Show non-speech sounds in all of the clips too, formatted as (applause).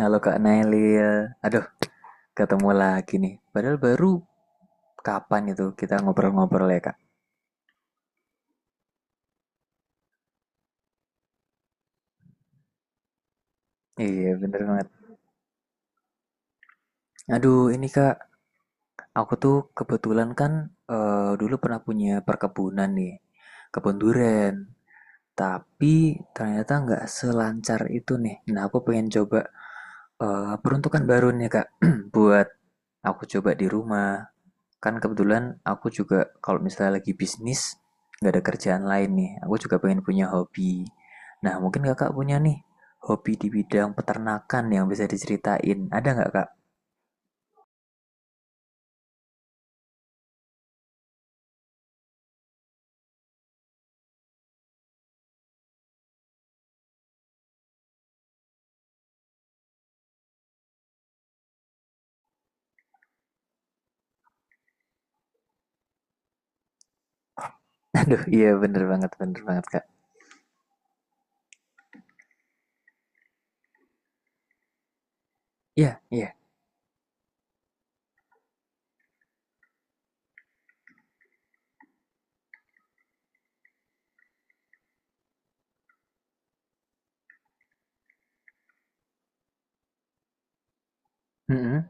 Halo Kak Nailil, aduh ketemu lagi nih. Padahal baru kapan itu kita ngobrol-ngobrol ya Kak? Iya bener banget. Aduh ini Kak, aku tuh kebetulan kan dulu pernah punya perkebunan nih, kebun durian. Tapi ternyata nggak selancar itu nih. Nah aku pengen coba peruntukan baru nih Kak, (clears throat) buat aku coba di rumah. Kan kebetulan aku juga kalau misalnya lagi bisnis, nggak ada kerjaan lain nih. Aku juga pengen punya hobi. Nah, mungkin kakak punya nih hobi di bidang peternakan yang bisa diceritain. Ada nggak kak? (laughs) Aduh, iya bener banget kak. Iya, iya. Mm-mm.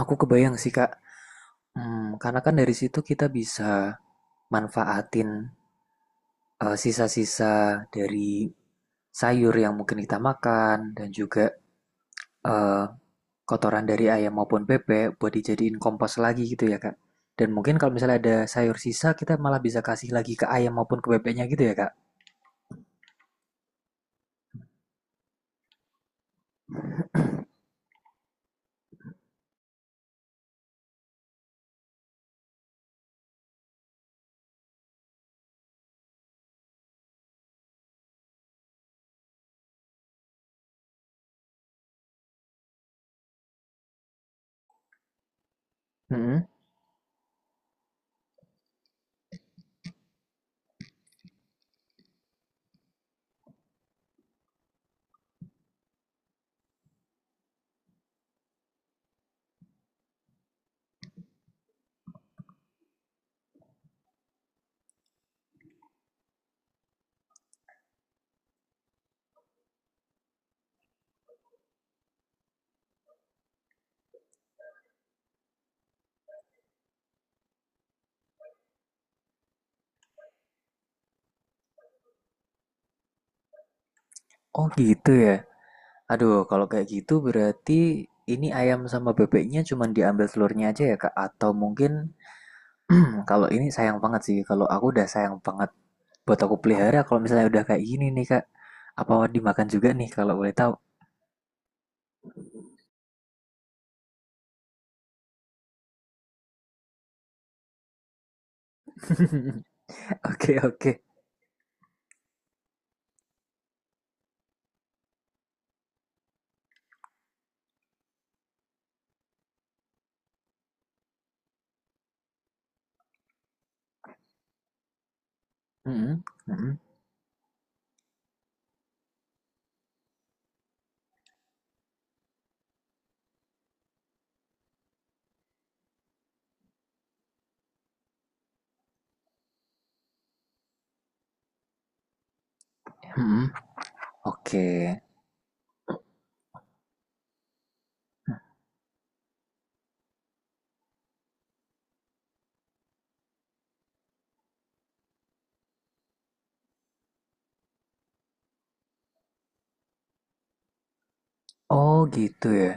Aku kebayang sih kak. Hmm, karena kan dari situ kita bisa manfaatin sisa-sisa dari sayur yang mungkin kita makan dan juga eh, Kotoran dari ayam maupun bebek buat dijadiin kompos lagi gitu ya, Kak? Dan mungkin kalau misalnya ada sayur sisa, kita malah bisa kasih lagi ke ayam maupun ke bebeknya gitu ya, Kak? Mm-mm. Oh gitu ya. Aduh, kalau kayak gitu berarti ini ayam sama bebeknya cuma diambil telurnya aja ya, Kak? Atau mungkin (clears throat) kalau ini sayang banget sih. Kalau aku udah sayang banget buat aku pelihara kalau misalnya udah kayak gini nih, Kak. Apa dimakan juga nih kalau boleh tahu? (laughs) Oke, oke. Mm-mm, mm-mm, mm-mm. Oke. Oh gitu ya.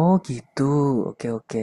Oh gitu. Oke oke.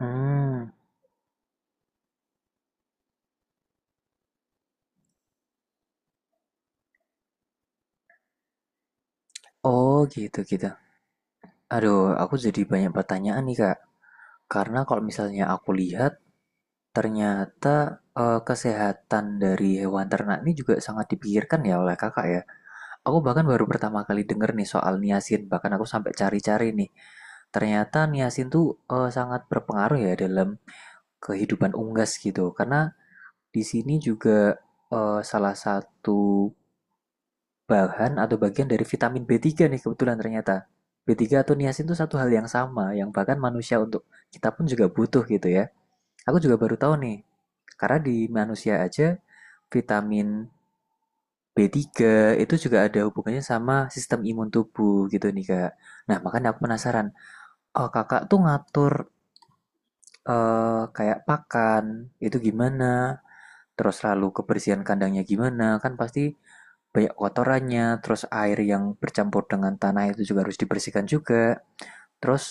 Hmm. Oh gitu gitu. Aduh, aku jadi banyak pertanyaan nih Kak. Karena kalau misalnya aku lihat, ternyata kesehatan dari hewan ternak ini juga sangat dipikirkan ya oleh Kakak ya. Aku bahkan baru pertama kali denger nih soal niacin. Bahkan aku sampai cari-cari nih. Ternyata niacin tuh sangat berpengaruh ya dalam kehidupan unggas gitu. Karena di sini juga salah satu bahan atau bagian dari vitamin B3 nih kebetulan ternyata. B3 atau niacin itu satu hal yang sama yang bahkan manusia untuk kita pun juga butuh gitu ya. Aku juga baru tahu nih. Karena di manusia aja vitamin B3 itu juga ada hubungannya sama sistem imun tubuh gitu nih Kak. Nah, makanya aku penasaran. Oh, Kakak tuh ngatur kayak pakan itu gimana? Terus lalu kebersihan kandangnya gimana? Kan pasti banyak kotorannya, terus air yang bercampur dengan tanah itu juga harus dibersihkan juga. Terus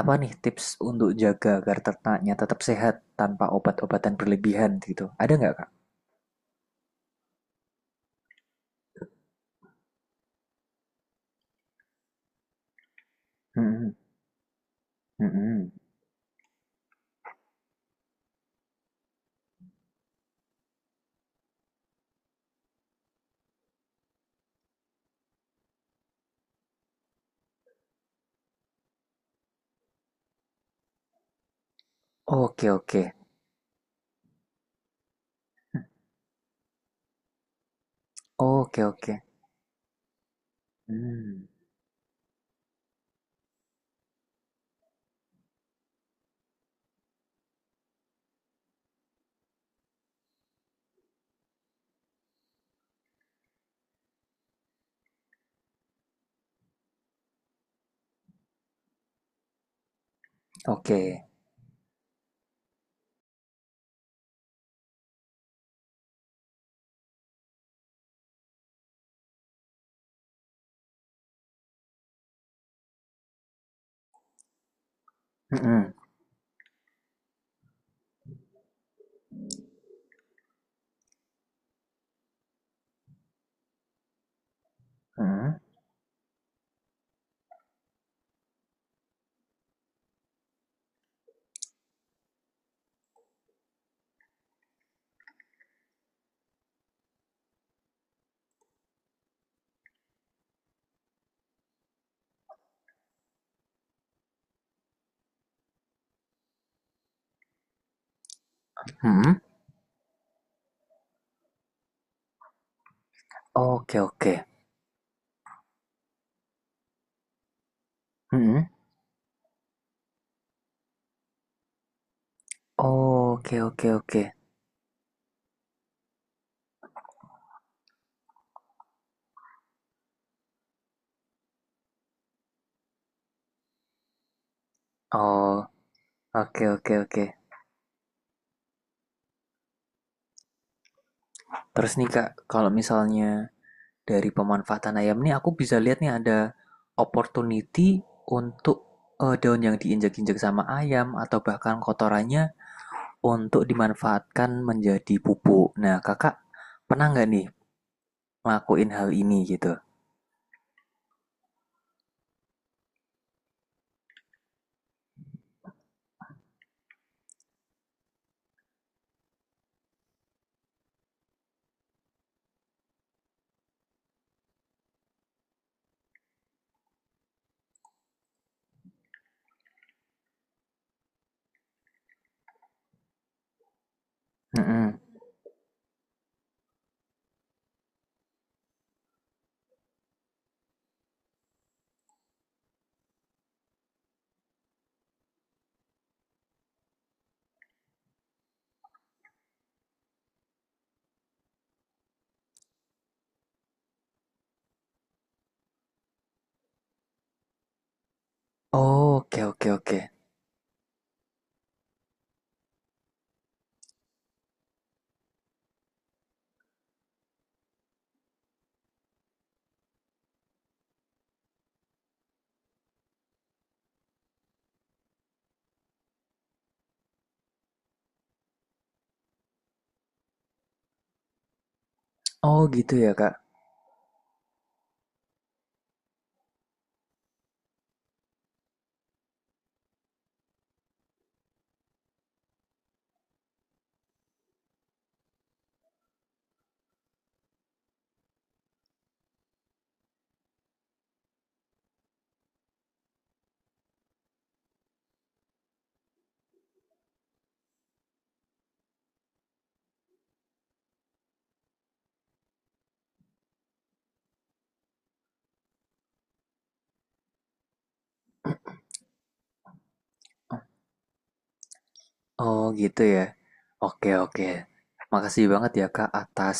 apa nih tips untuk jaga agar ternaknya tetap sehat tanpa obat-obatan berlebihan gitu? Ada nggak kak? Hmm, hmm, hmm. Oke oke, oke hmm, oke, hmm, hmm, hmm, oke oke, hmm, oke oke oke, oh oke oke oke. Terus nih kak, kalau misalnya dari pemanfaatan ayam ini, aku bisa lihat nih ada opportunity untuk daun yang diinjak-injak sama ayam atau bahkan kotorannya untuk dimanfaatkan menjadi pupuk. Nah, kakak pernah nggak nih ngelakuin hal ini gitu? Mm-mm. Oh, oke oke oke. Oh gitu ya kak. Oh gitu ya. Oke oke. Makasih banget ya kak atas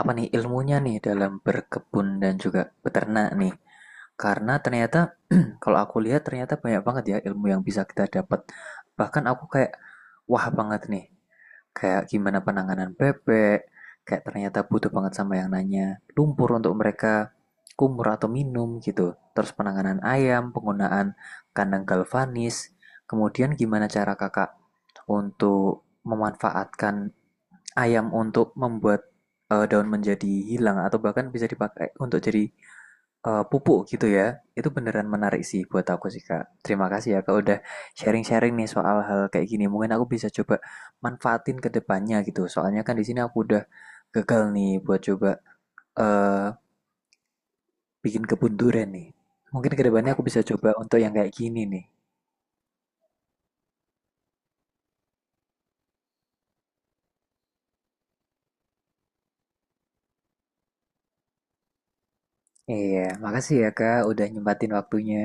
apa nih ilmunya nih dalam berkebun dan juga beternak nih. Karena ternyata (clears throat) kalau aku lihat ternyata banyak banget ya ilmu yang bisa kita dapat. Bahkan aku kayak wah banget nih. Kayak gimana penanganan bebek, kayak ternyata butuh banget sama yang nanya lumpur untuk mereka kumur atau minum gitu. Terus penanganan ayam, penggunaan kandang galvanis, kemudian gimana cara kakak untuk memanfaatkan ayam untuk membuat daun menjadi hilang atau bahkan bisa dipakai untuk jadi pupuk gitu ya. Itu beneran menarik sih buat aku sih Kak. Terima kasih ya Kak udah sharing-sharing nih soal hal kayak gini. Mungkin aku bisa coba manfaatin ke depannya gitu. Soalnya kan di sini aku udah gagal nih buat coba eh bikin kebun durian nih. Mungkin ke depannya aku bisa coba untuk yang kayak gini nih. Iya, makasih ya Kak udah nyempatin waktunya.